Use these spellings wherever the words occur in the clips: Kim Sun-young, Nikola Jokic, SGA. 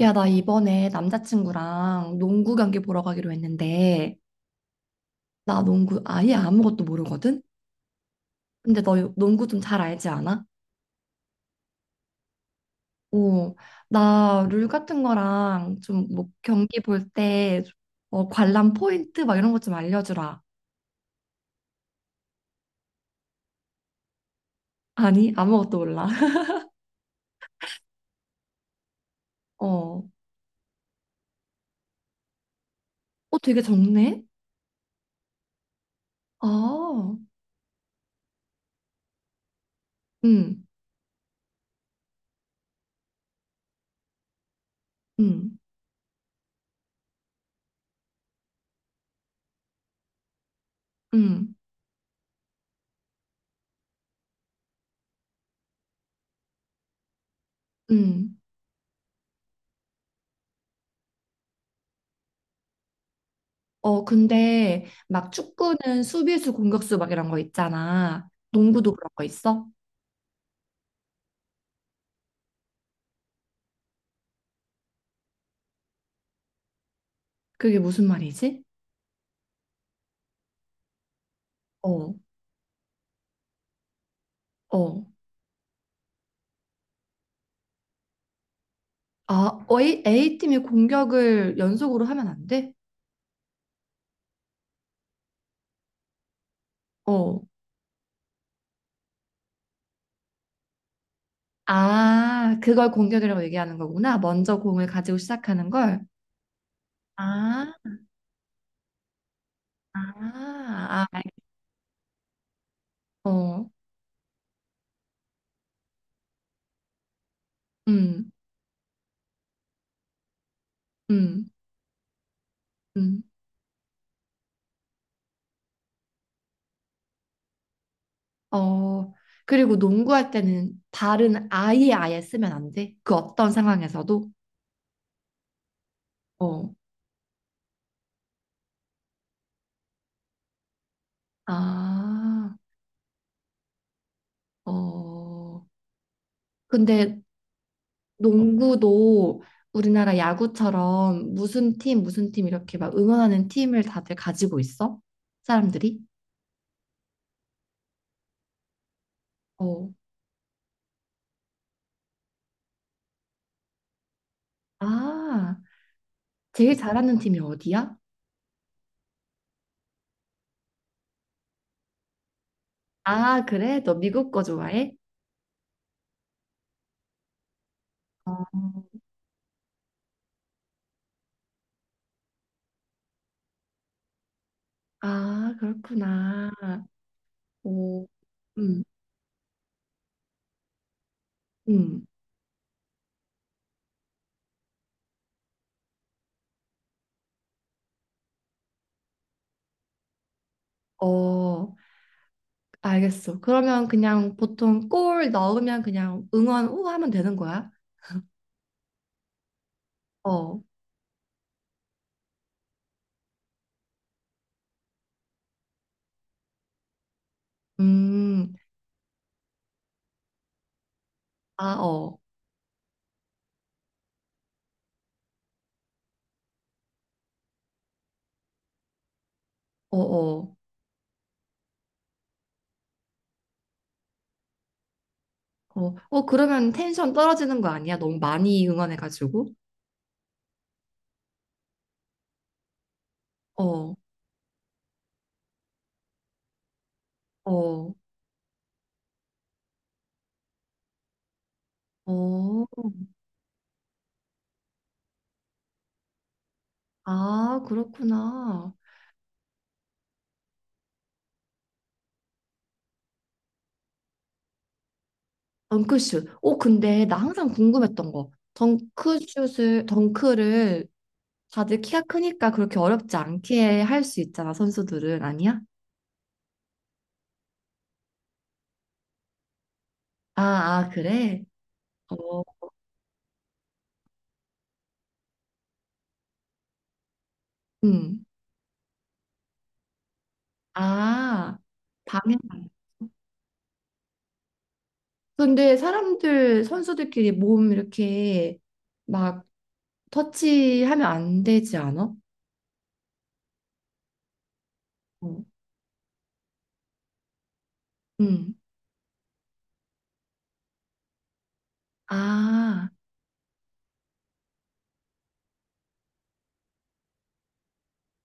야, 나 이번에 남자친구랑 농구 경기 보러 가기로 했는데, 나 농구 아예 아무것도 모르거든? 근데 너 농구 좀 잘 알지 않아? 어, 나 룰 같은 거랑 좀 뭐 경기 볼 때, 어, 관람 포인트 막 이런 것 좀 알려주라. 아니, 아무것도 몰라. 어, 어, 되게 적네? 아, 응, 응, 응, 응. 어, 근데 막 축구는 수비수, 공격수 막 이런 거 있잖아. 농구도 그런 거 있어? 그게 무슨 말이지? 어, 어. 아, 어, A팀이 공격을 연속으로 하면 안 돼? 어. 아, 그걸 공격이라고 얘기하는 거구나. 먼저 공을 가지고 시작하는 걸. 아, 아, 아, 어, 음, 음, 음. 어, 그리고 농구할 때는 발은 아예 아예 쓰면 안 돼. 그 어떤 상황에서도. 어, 아, 어. 근데 농구도 우리나라 야구처럼 무슨 팀, 무슨 팀 이렇게 막 응원하는 팀을 다들 가지고 있어? 사람들이? 어. 아, 제일 잘하는 팀이 어디야? 아, 그래? 너 미국 거 좋아해? 어. 아, 그렇구나. 오, 음, 음. 어, 알겠어. 그러면 그냥 보통 골 넣으면 그냥 응원 우 하면 되는 거야? 어, 음, 아, 어, 어, 어. 어, 어, 그러면 텐션 떨어지는 거 아니야? 너무 많이 응원해가지고. 어, 어, 어. 아, 그렇구나. 덩크슛. 어, 근데 나 항상 궁금했던 거. 덩크슛을, 덩크를 다들 키가 크니까 그렇게 어렵지 않게 할 수 있잖아, 선수들은. 아니야? 아, 아, 그래? 어, 음. 아, 방해. 근데 사람들, 선수들끼리 몸 이렇게 막 터치하면 안 되지 않아? 어. 음. 아,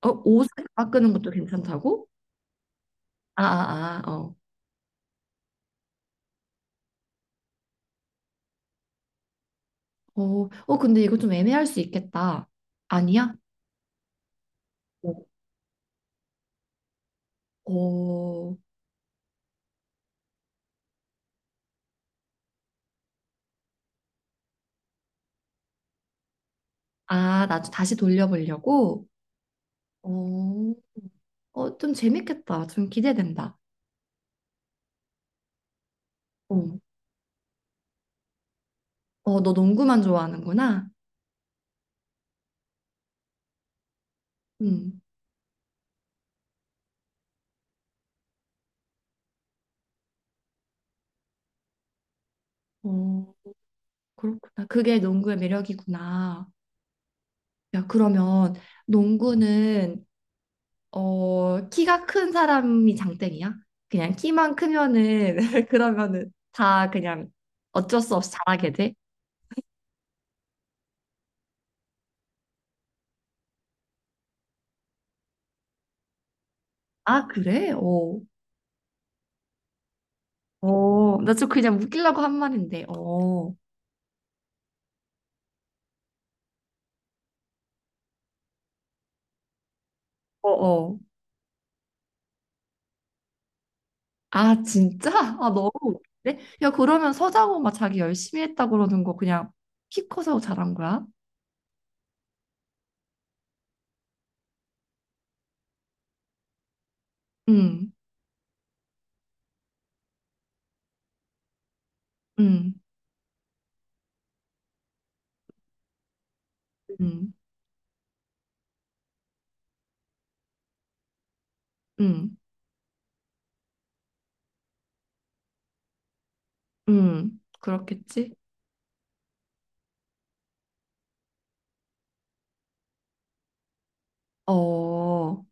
어, 옷을 갈아 끄는 것도 괜찮다고? 아, 아, 아, 어. 어, 어, 근데 이거 좀 애매할 수 있겠다. 아니야? 어, 어, 아, 나 다시 돌려보려고? 어, 어, 좀 재밌겠다. 좀 기대된다. 어, 어, 너 농구만 좋아하는구나? 음, 어, 그렇구나. 그게 농구의 매력이구나. 야, 그러면 농구는 어, 키가 큰 사람이 장땡이야? 그냥 키만 크면은, 그러면은 다 그냥 어쩔 수 없이 잘하게 돼? 아, 그래? 어. 어, 나 좀 그냥 웃기려고 한 말인데, 어, 어, 어. 아, 진짜? 아, 너무 웃긴데? 야, 그러면 서장호 막 자기 열심히 했다 그러는 거 그냥 키 커서 잘한 거야? 응, 응, 응, 응, 응. 그렇겠지? 어,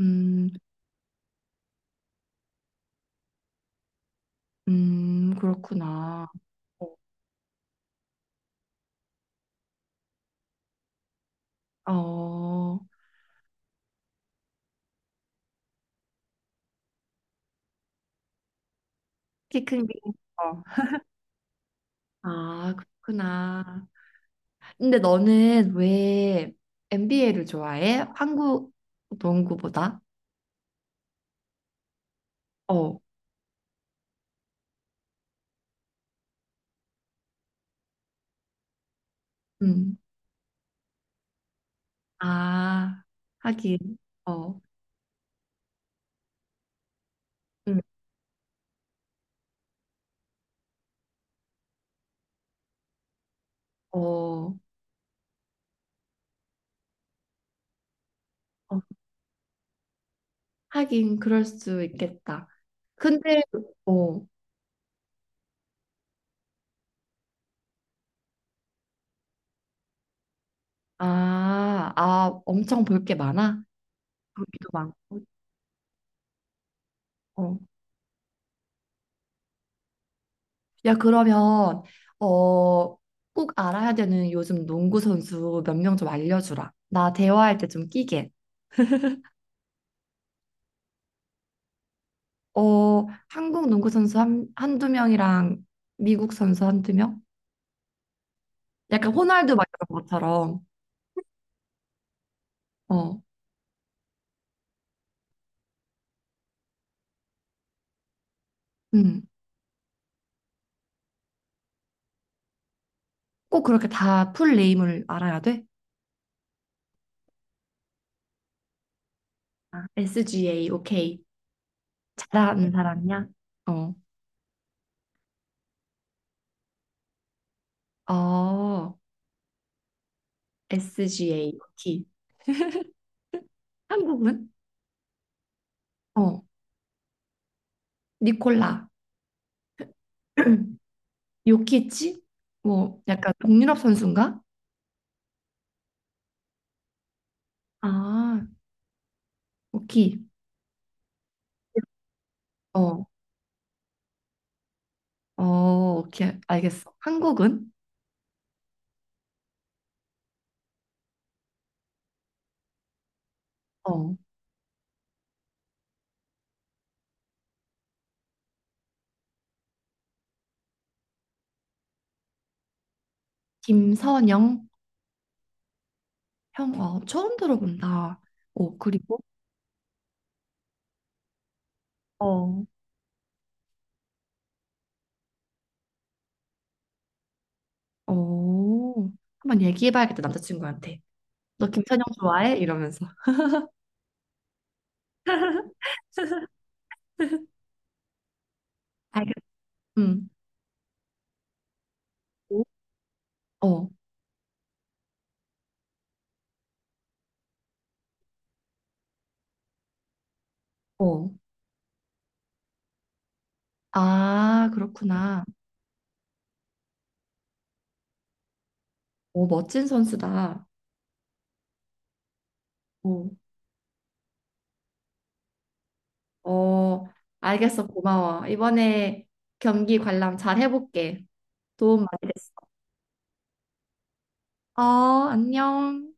음, 그렇구나. 어. 어, 키 큰 게. 어. 아, 그렇구나. 근데 너는 왜 NBA를 좋아해? 한국 농구보다? 어, 음. 아, 하긴. 어, 음. 어, 어, 하긴 그럴 수 있겠다. 근데 어, 아, 아, 엄청 볼 게 많아? 보기도 많고. 어. 야, 그러면 어, 꼭 알아야 되는 요즘 농구 선수 몇 명 좀 알려주라. 나 대화할 때 좀 끼게. 어, 한국 농구 선수 한두 명이랑 미국 선수 한두 명? 약간 호날두 막 이런 것처럼. 어, 음. 꼭 그렇게 다 풀 네임을 알아야 돼? 아, SGA, 오케이. 잘하는 사람이야? 어. 어, SGA, 오케이. 한국은? 어, 니콜라. 요키치? 뭐 약간 동유럽 선수인가? 아, 오키. 어, 어, 오케이. 알겠어. 한국은? 어, 김선영 형, 어, 처음 들어본다. 어, 그리고? 어, 어, 한번 얘기해봐야겠다, 남자친구한테. 너 김선영 좋아해? 이러면서. 알겠어. 음. 어, 어. 아, 그렇구나. 오, 멋진 선수다. 오. 어, 알겠어. 고마워. 이번에 경기 관람 잘 해볼게. 도움 많이 됐어. 어, 안녕.